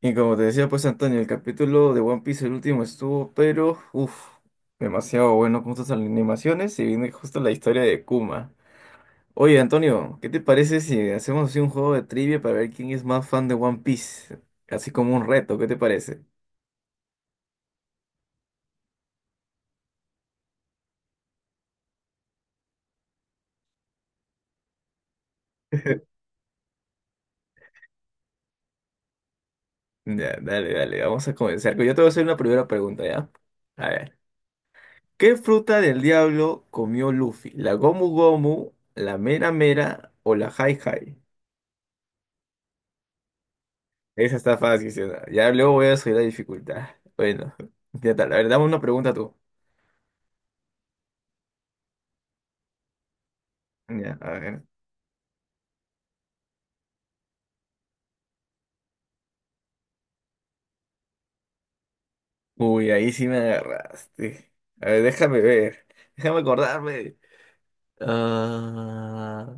Y como te decía, pues Antonio, el capítulo de One Piece, el último estuvo, pero, demasiado bueno con sus animaciones y viene justo la historia de Kuma. Oye, Antonio, ¿qué te parece si hacemos así un juego de trivia para ver quién es más fan de One Piece? Así como un reto, ¿qué te parece? Ya, dale, dale, vamos a comenzar. Yo te voy a hacer una primera pregunta, ¿ya? A ver, ¿qué fruta del diablo comió Luffy? ¿La Gomu Gomu, la Mera Mera o la Hai Hai? Esa está fácil, sí, ¿no? Ya luego voy a subir la dificultad. Bueno, ya tal. A ver, dame una pregunta tú. Ya, a ver. Uy, ahí sí me agarraste. A ver. Déjame acordarme. Ah,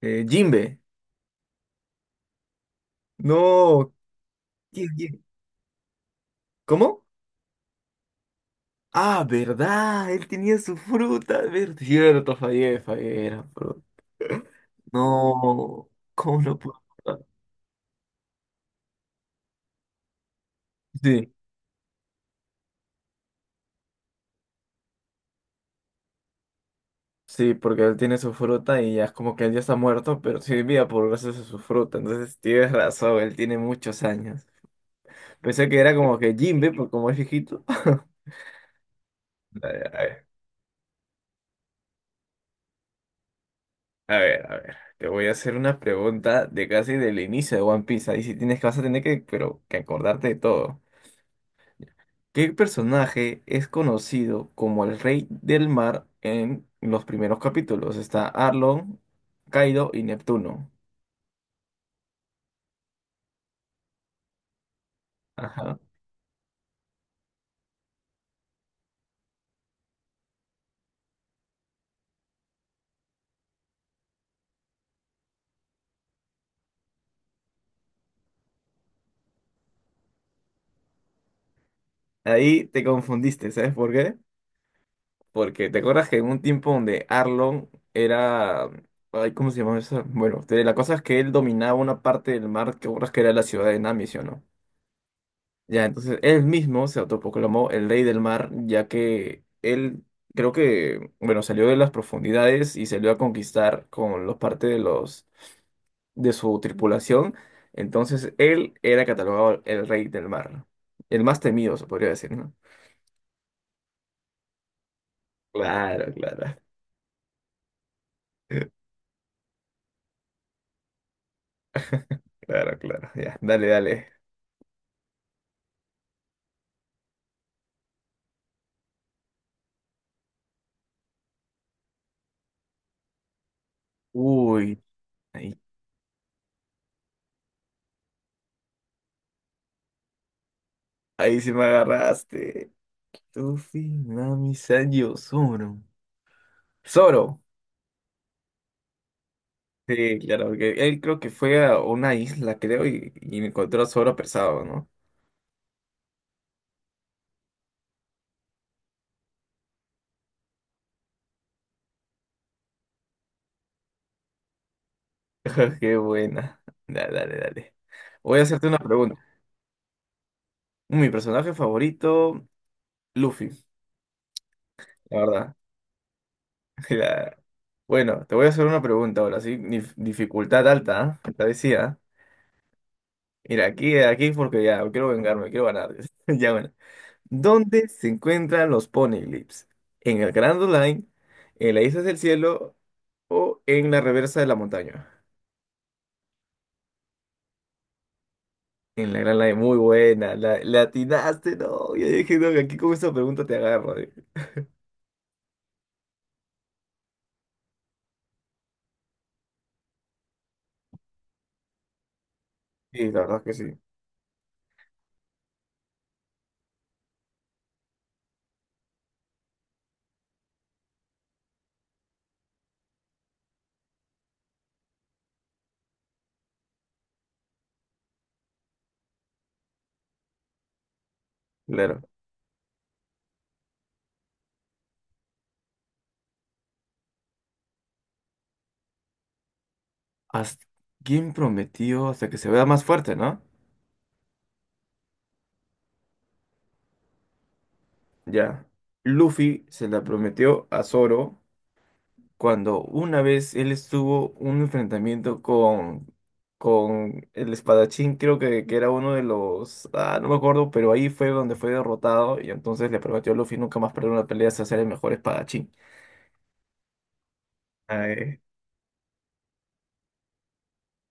Jimbe. No, ¿quién? ¿Cómo? Ah, ¿verdad? Él tenía su fruta. Cierto, fallé. Era fruta. No, ¿cómo lo puedo acordar? Sí. Sí, porque él tiene su fruta y ya es como que él ya está muerto, pero sí vivía por gracias a su fruta. Entonces tienes razón, él tiene muchos años. Pensé que era como que Jimbe, por como es viejito. A ver, a ver. Te voy a hacer una pregunta de casi del inicio de One Piece. Ahí sí tienes que vas a tener que, pero que acordarte de todo. ¿Qué personaje es conocido como el Rey del Mar en los primeros capítulos? Está Arlong, Kaido y Neptuno. Ajá. Ahí te confundiste, ¿sabes por qué? Porque te acuerdas que en un tiempo donde Arlon era. Ay, ¿cómo se llamaba eso? Bueno, la cosa es que él dominaba una parte del mar que ahora que era la ciudad de Nami, ¿sí o no? Ya, entonces él mismo se autoproclamó el rey del mar, ya que él creo que, bueno, salió de las profundidades y salió a conquistar con los parte de los de su tripulación. Entonces él era catalogado el rey del mar. El más temido, se podría decir, ¿no? Claro, claro. Claro, claro, ya, dale, dale. Uy, ahí, ahí sí me agarraste. Tufi, Nami, Sanji, Zoro. Zoro. Sí, claro, porque él creo que fue a una isla, creo, y encontró a Zoro pesado, ¿no? Qué buena. Dale, dale, dale. Voy a hacerte una pregunta. Mi personaje favorito, Luffy, la verdad. La- Bueno, te voy a hacer una pregunta ahora, sí. Dificultad alta, ¿ah? Te decía. Mira, aquí porque ya, quiero vengarme, quiero ganar. Ya, bueno. ¿Dónde se encuentran los poneglyphs? ¿En el Grand Line, en la Isla del Cielo o en la reversa de la montaña? En la Grand Line, muy buena, la atinaste, no, yo dije, no, aquí con esta pregunta te agarro. Sí, la verdad que sí, claro. Hasta- ¿Quién prometió hasta que se vea más fuerte, no? Ya, Luffy se la prometió a Zoro cuando una vez él estuvo un enfrentamiento con el espadachín, creo que era uno de los, no me acuerdo, pero ahí fue donde fue derrotado y entonces le prometió a Luffy nunca más perder una pelea hasta ser el mejor espadachín. ah Ay,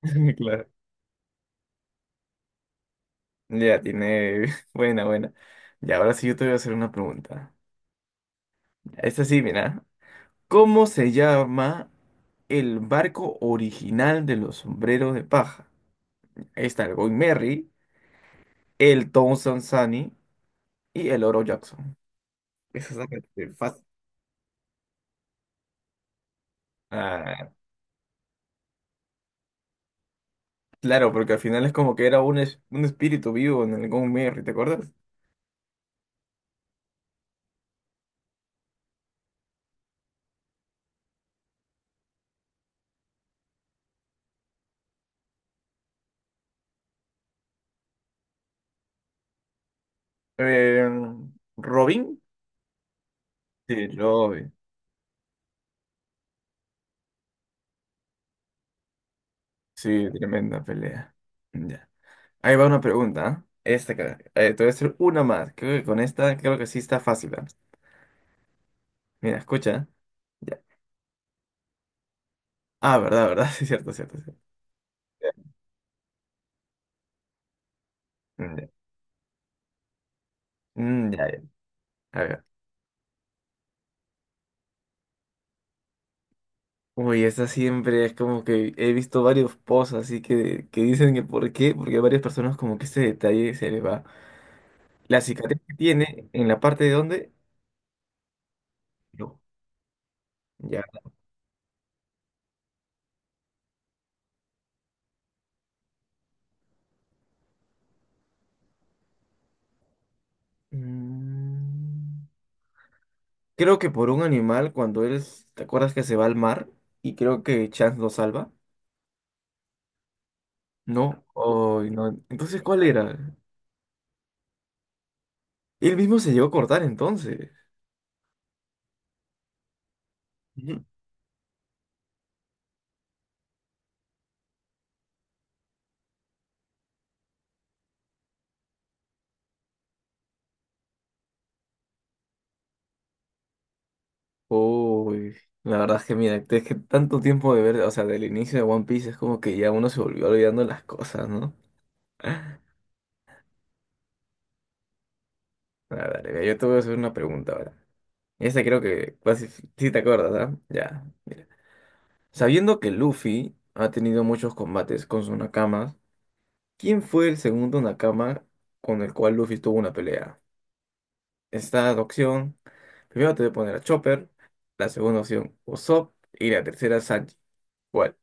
claro. Ya tiene, buena, buena. Y ahora sí yo te voy a hacer una pregunta. Esta sí, mira. ¿Cómo se llama el barco original de los sombreros de paja? Ahí está el Going Merry, el Tom Sansani y el Oro Jackson. Esa es la que fácil. Ah, claro, porque al final es como que era un espíritu vivo en el Gone, ¿te acuerdas? Eh, Robin. Sí, Robin. Sí, tremenda pelea. Ya. Ahí va una pregunta, ¿eh? Esta, cara. Te voy a hacer una más. Creo que con esta, creo que sí está fácil, ¿ah? Mira, escucha, ¿eh? Ya. Ah, verdad, verdad. Sí, cierto, cierto, cierto. Ya. Mm, ya. Mm, ya, ya. A ver. Uy, esa siempre es como que he visto varios posts así que dicen que por qué, porque a varias personas como que este detalle se le va. La cicatriz que tiene en la parte de donde, no, ya. Mm, Creo que por un animal cuando él, ¿te acuerdas que se va al mar? Y creo que Chance lo salva. No, Ay, no. Entonces, ¿cuál era? Él mismo se llegó a cortar entonces. Uy, la verdad es que mira, es que tanto tiempo de ver, o sea, del inicio de One Piece es como que ya uno se volvió olvidando las cosas, ¿no? A ver, dale, mira, yo te voy a hacer una pregunta ahora. Esta creo que casi sí te acuerdas, ¿ah? Ya, mira. Sabiendo que Luffy ha tenido muchos combates con sus nakamas, ¿quién fue el segundo nakama con el cual Luffy tuvo una pelea? Esta opción, primero te voy a poner a Chopper, la segunda opción Usopp y la tercera Sanji. ¿Cuál?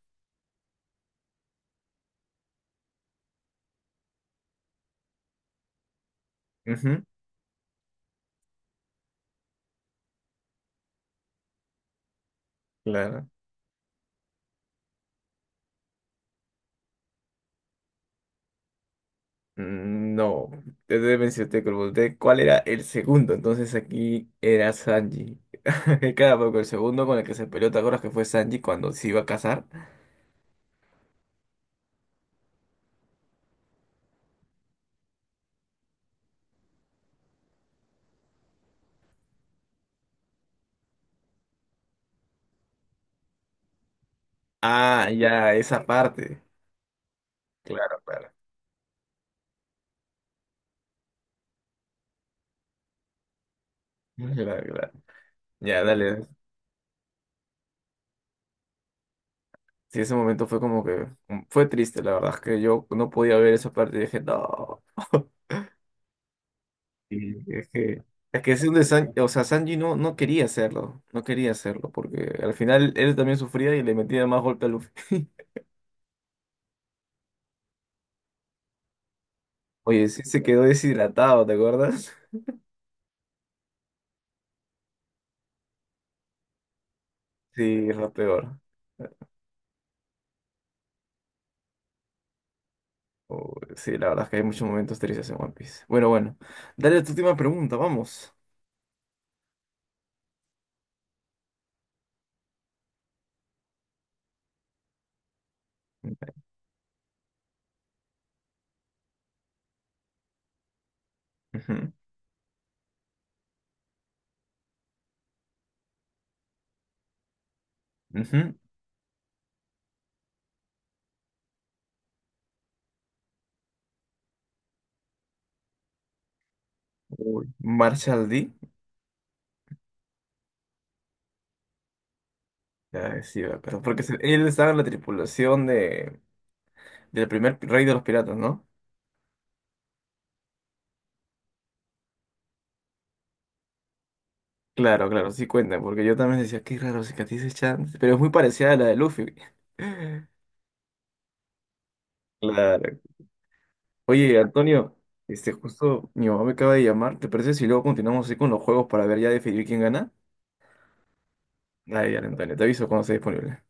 Ujú, claro. Mm, no, te deben ser te pregunté cuál era el segundo. Entonces aquí era Sanji. Cada poco el segundo con el que se peleó, ¿te acuerdas que fue Sanji cuando se iba a casar? Ah, ya, esa parte. Claro, claro. Claro, claro. Ya, dale. Sí, ese momento fue como que fue triste, la verdad es que yo no podía ver esa parte y dije, no. Y es que, es que es o sea, Sanji no, no quería hacerlo, no quería hacerlo, porque al final él también sufría y le metía más golpe a Luffy. Oye, sí se quedó deshidratado, ¿te acuerdas? Sí, es lo peor. Oh, sí, la verdad es que hay muchos momentos tristes en One Piece. Bueno, bueno. Dale a tu última pregunta, vamos. Ujú, ujú. Uy, Marshall D. Ya, sí, me acuerdo. Él estaba en la tripulación de, del rey de los piratas, ¿no? Claro, claro, sí cuenta, porque yo también decía, qué raro, cicatrices Chance, pero es muy parecida a la de Luffy. Claro, oye, Antonio, este, justo mi mamá me acaba de llamar. ¿Te parece si luego continuamos así con los juegos para ver ya definir quién gana? Dale, ya, Antonio, te aviso cuando esté disponible.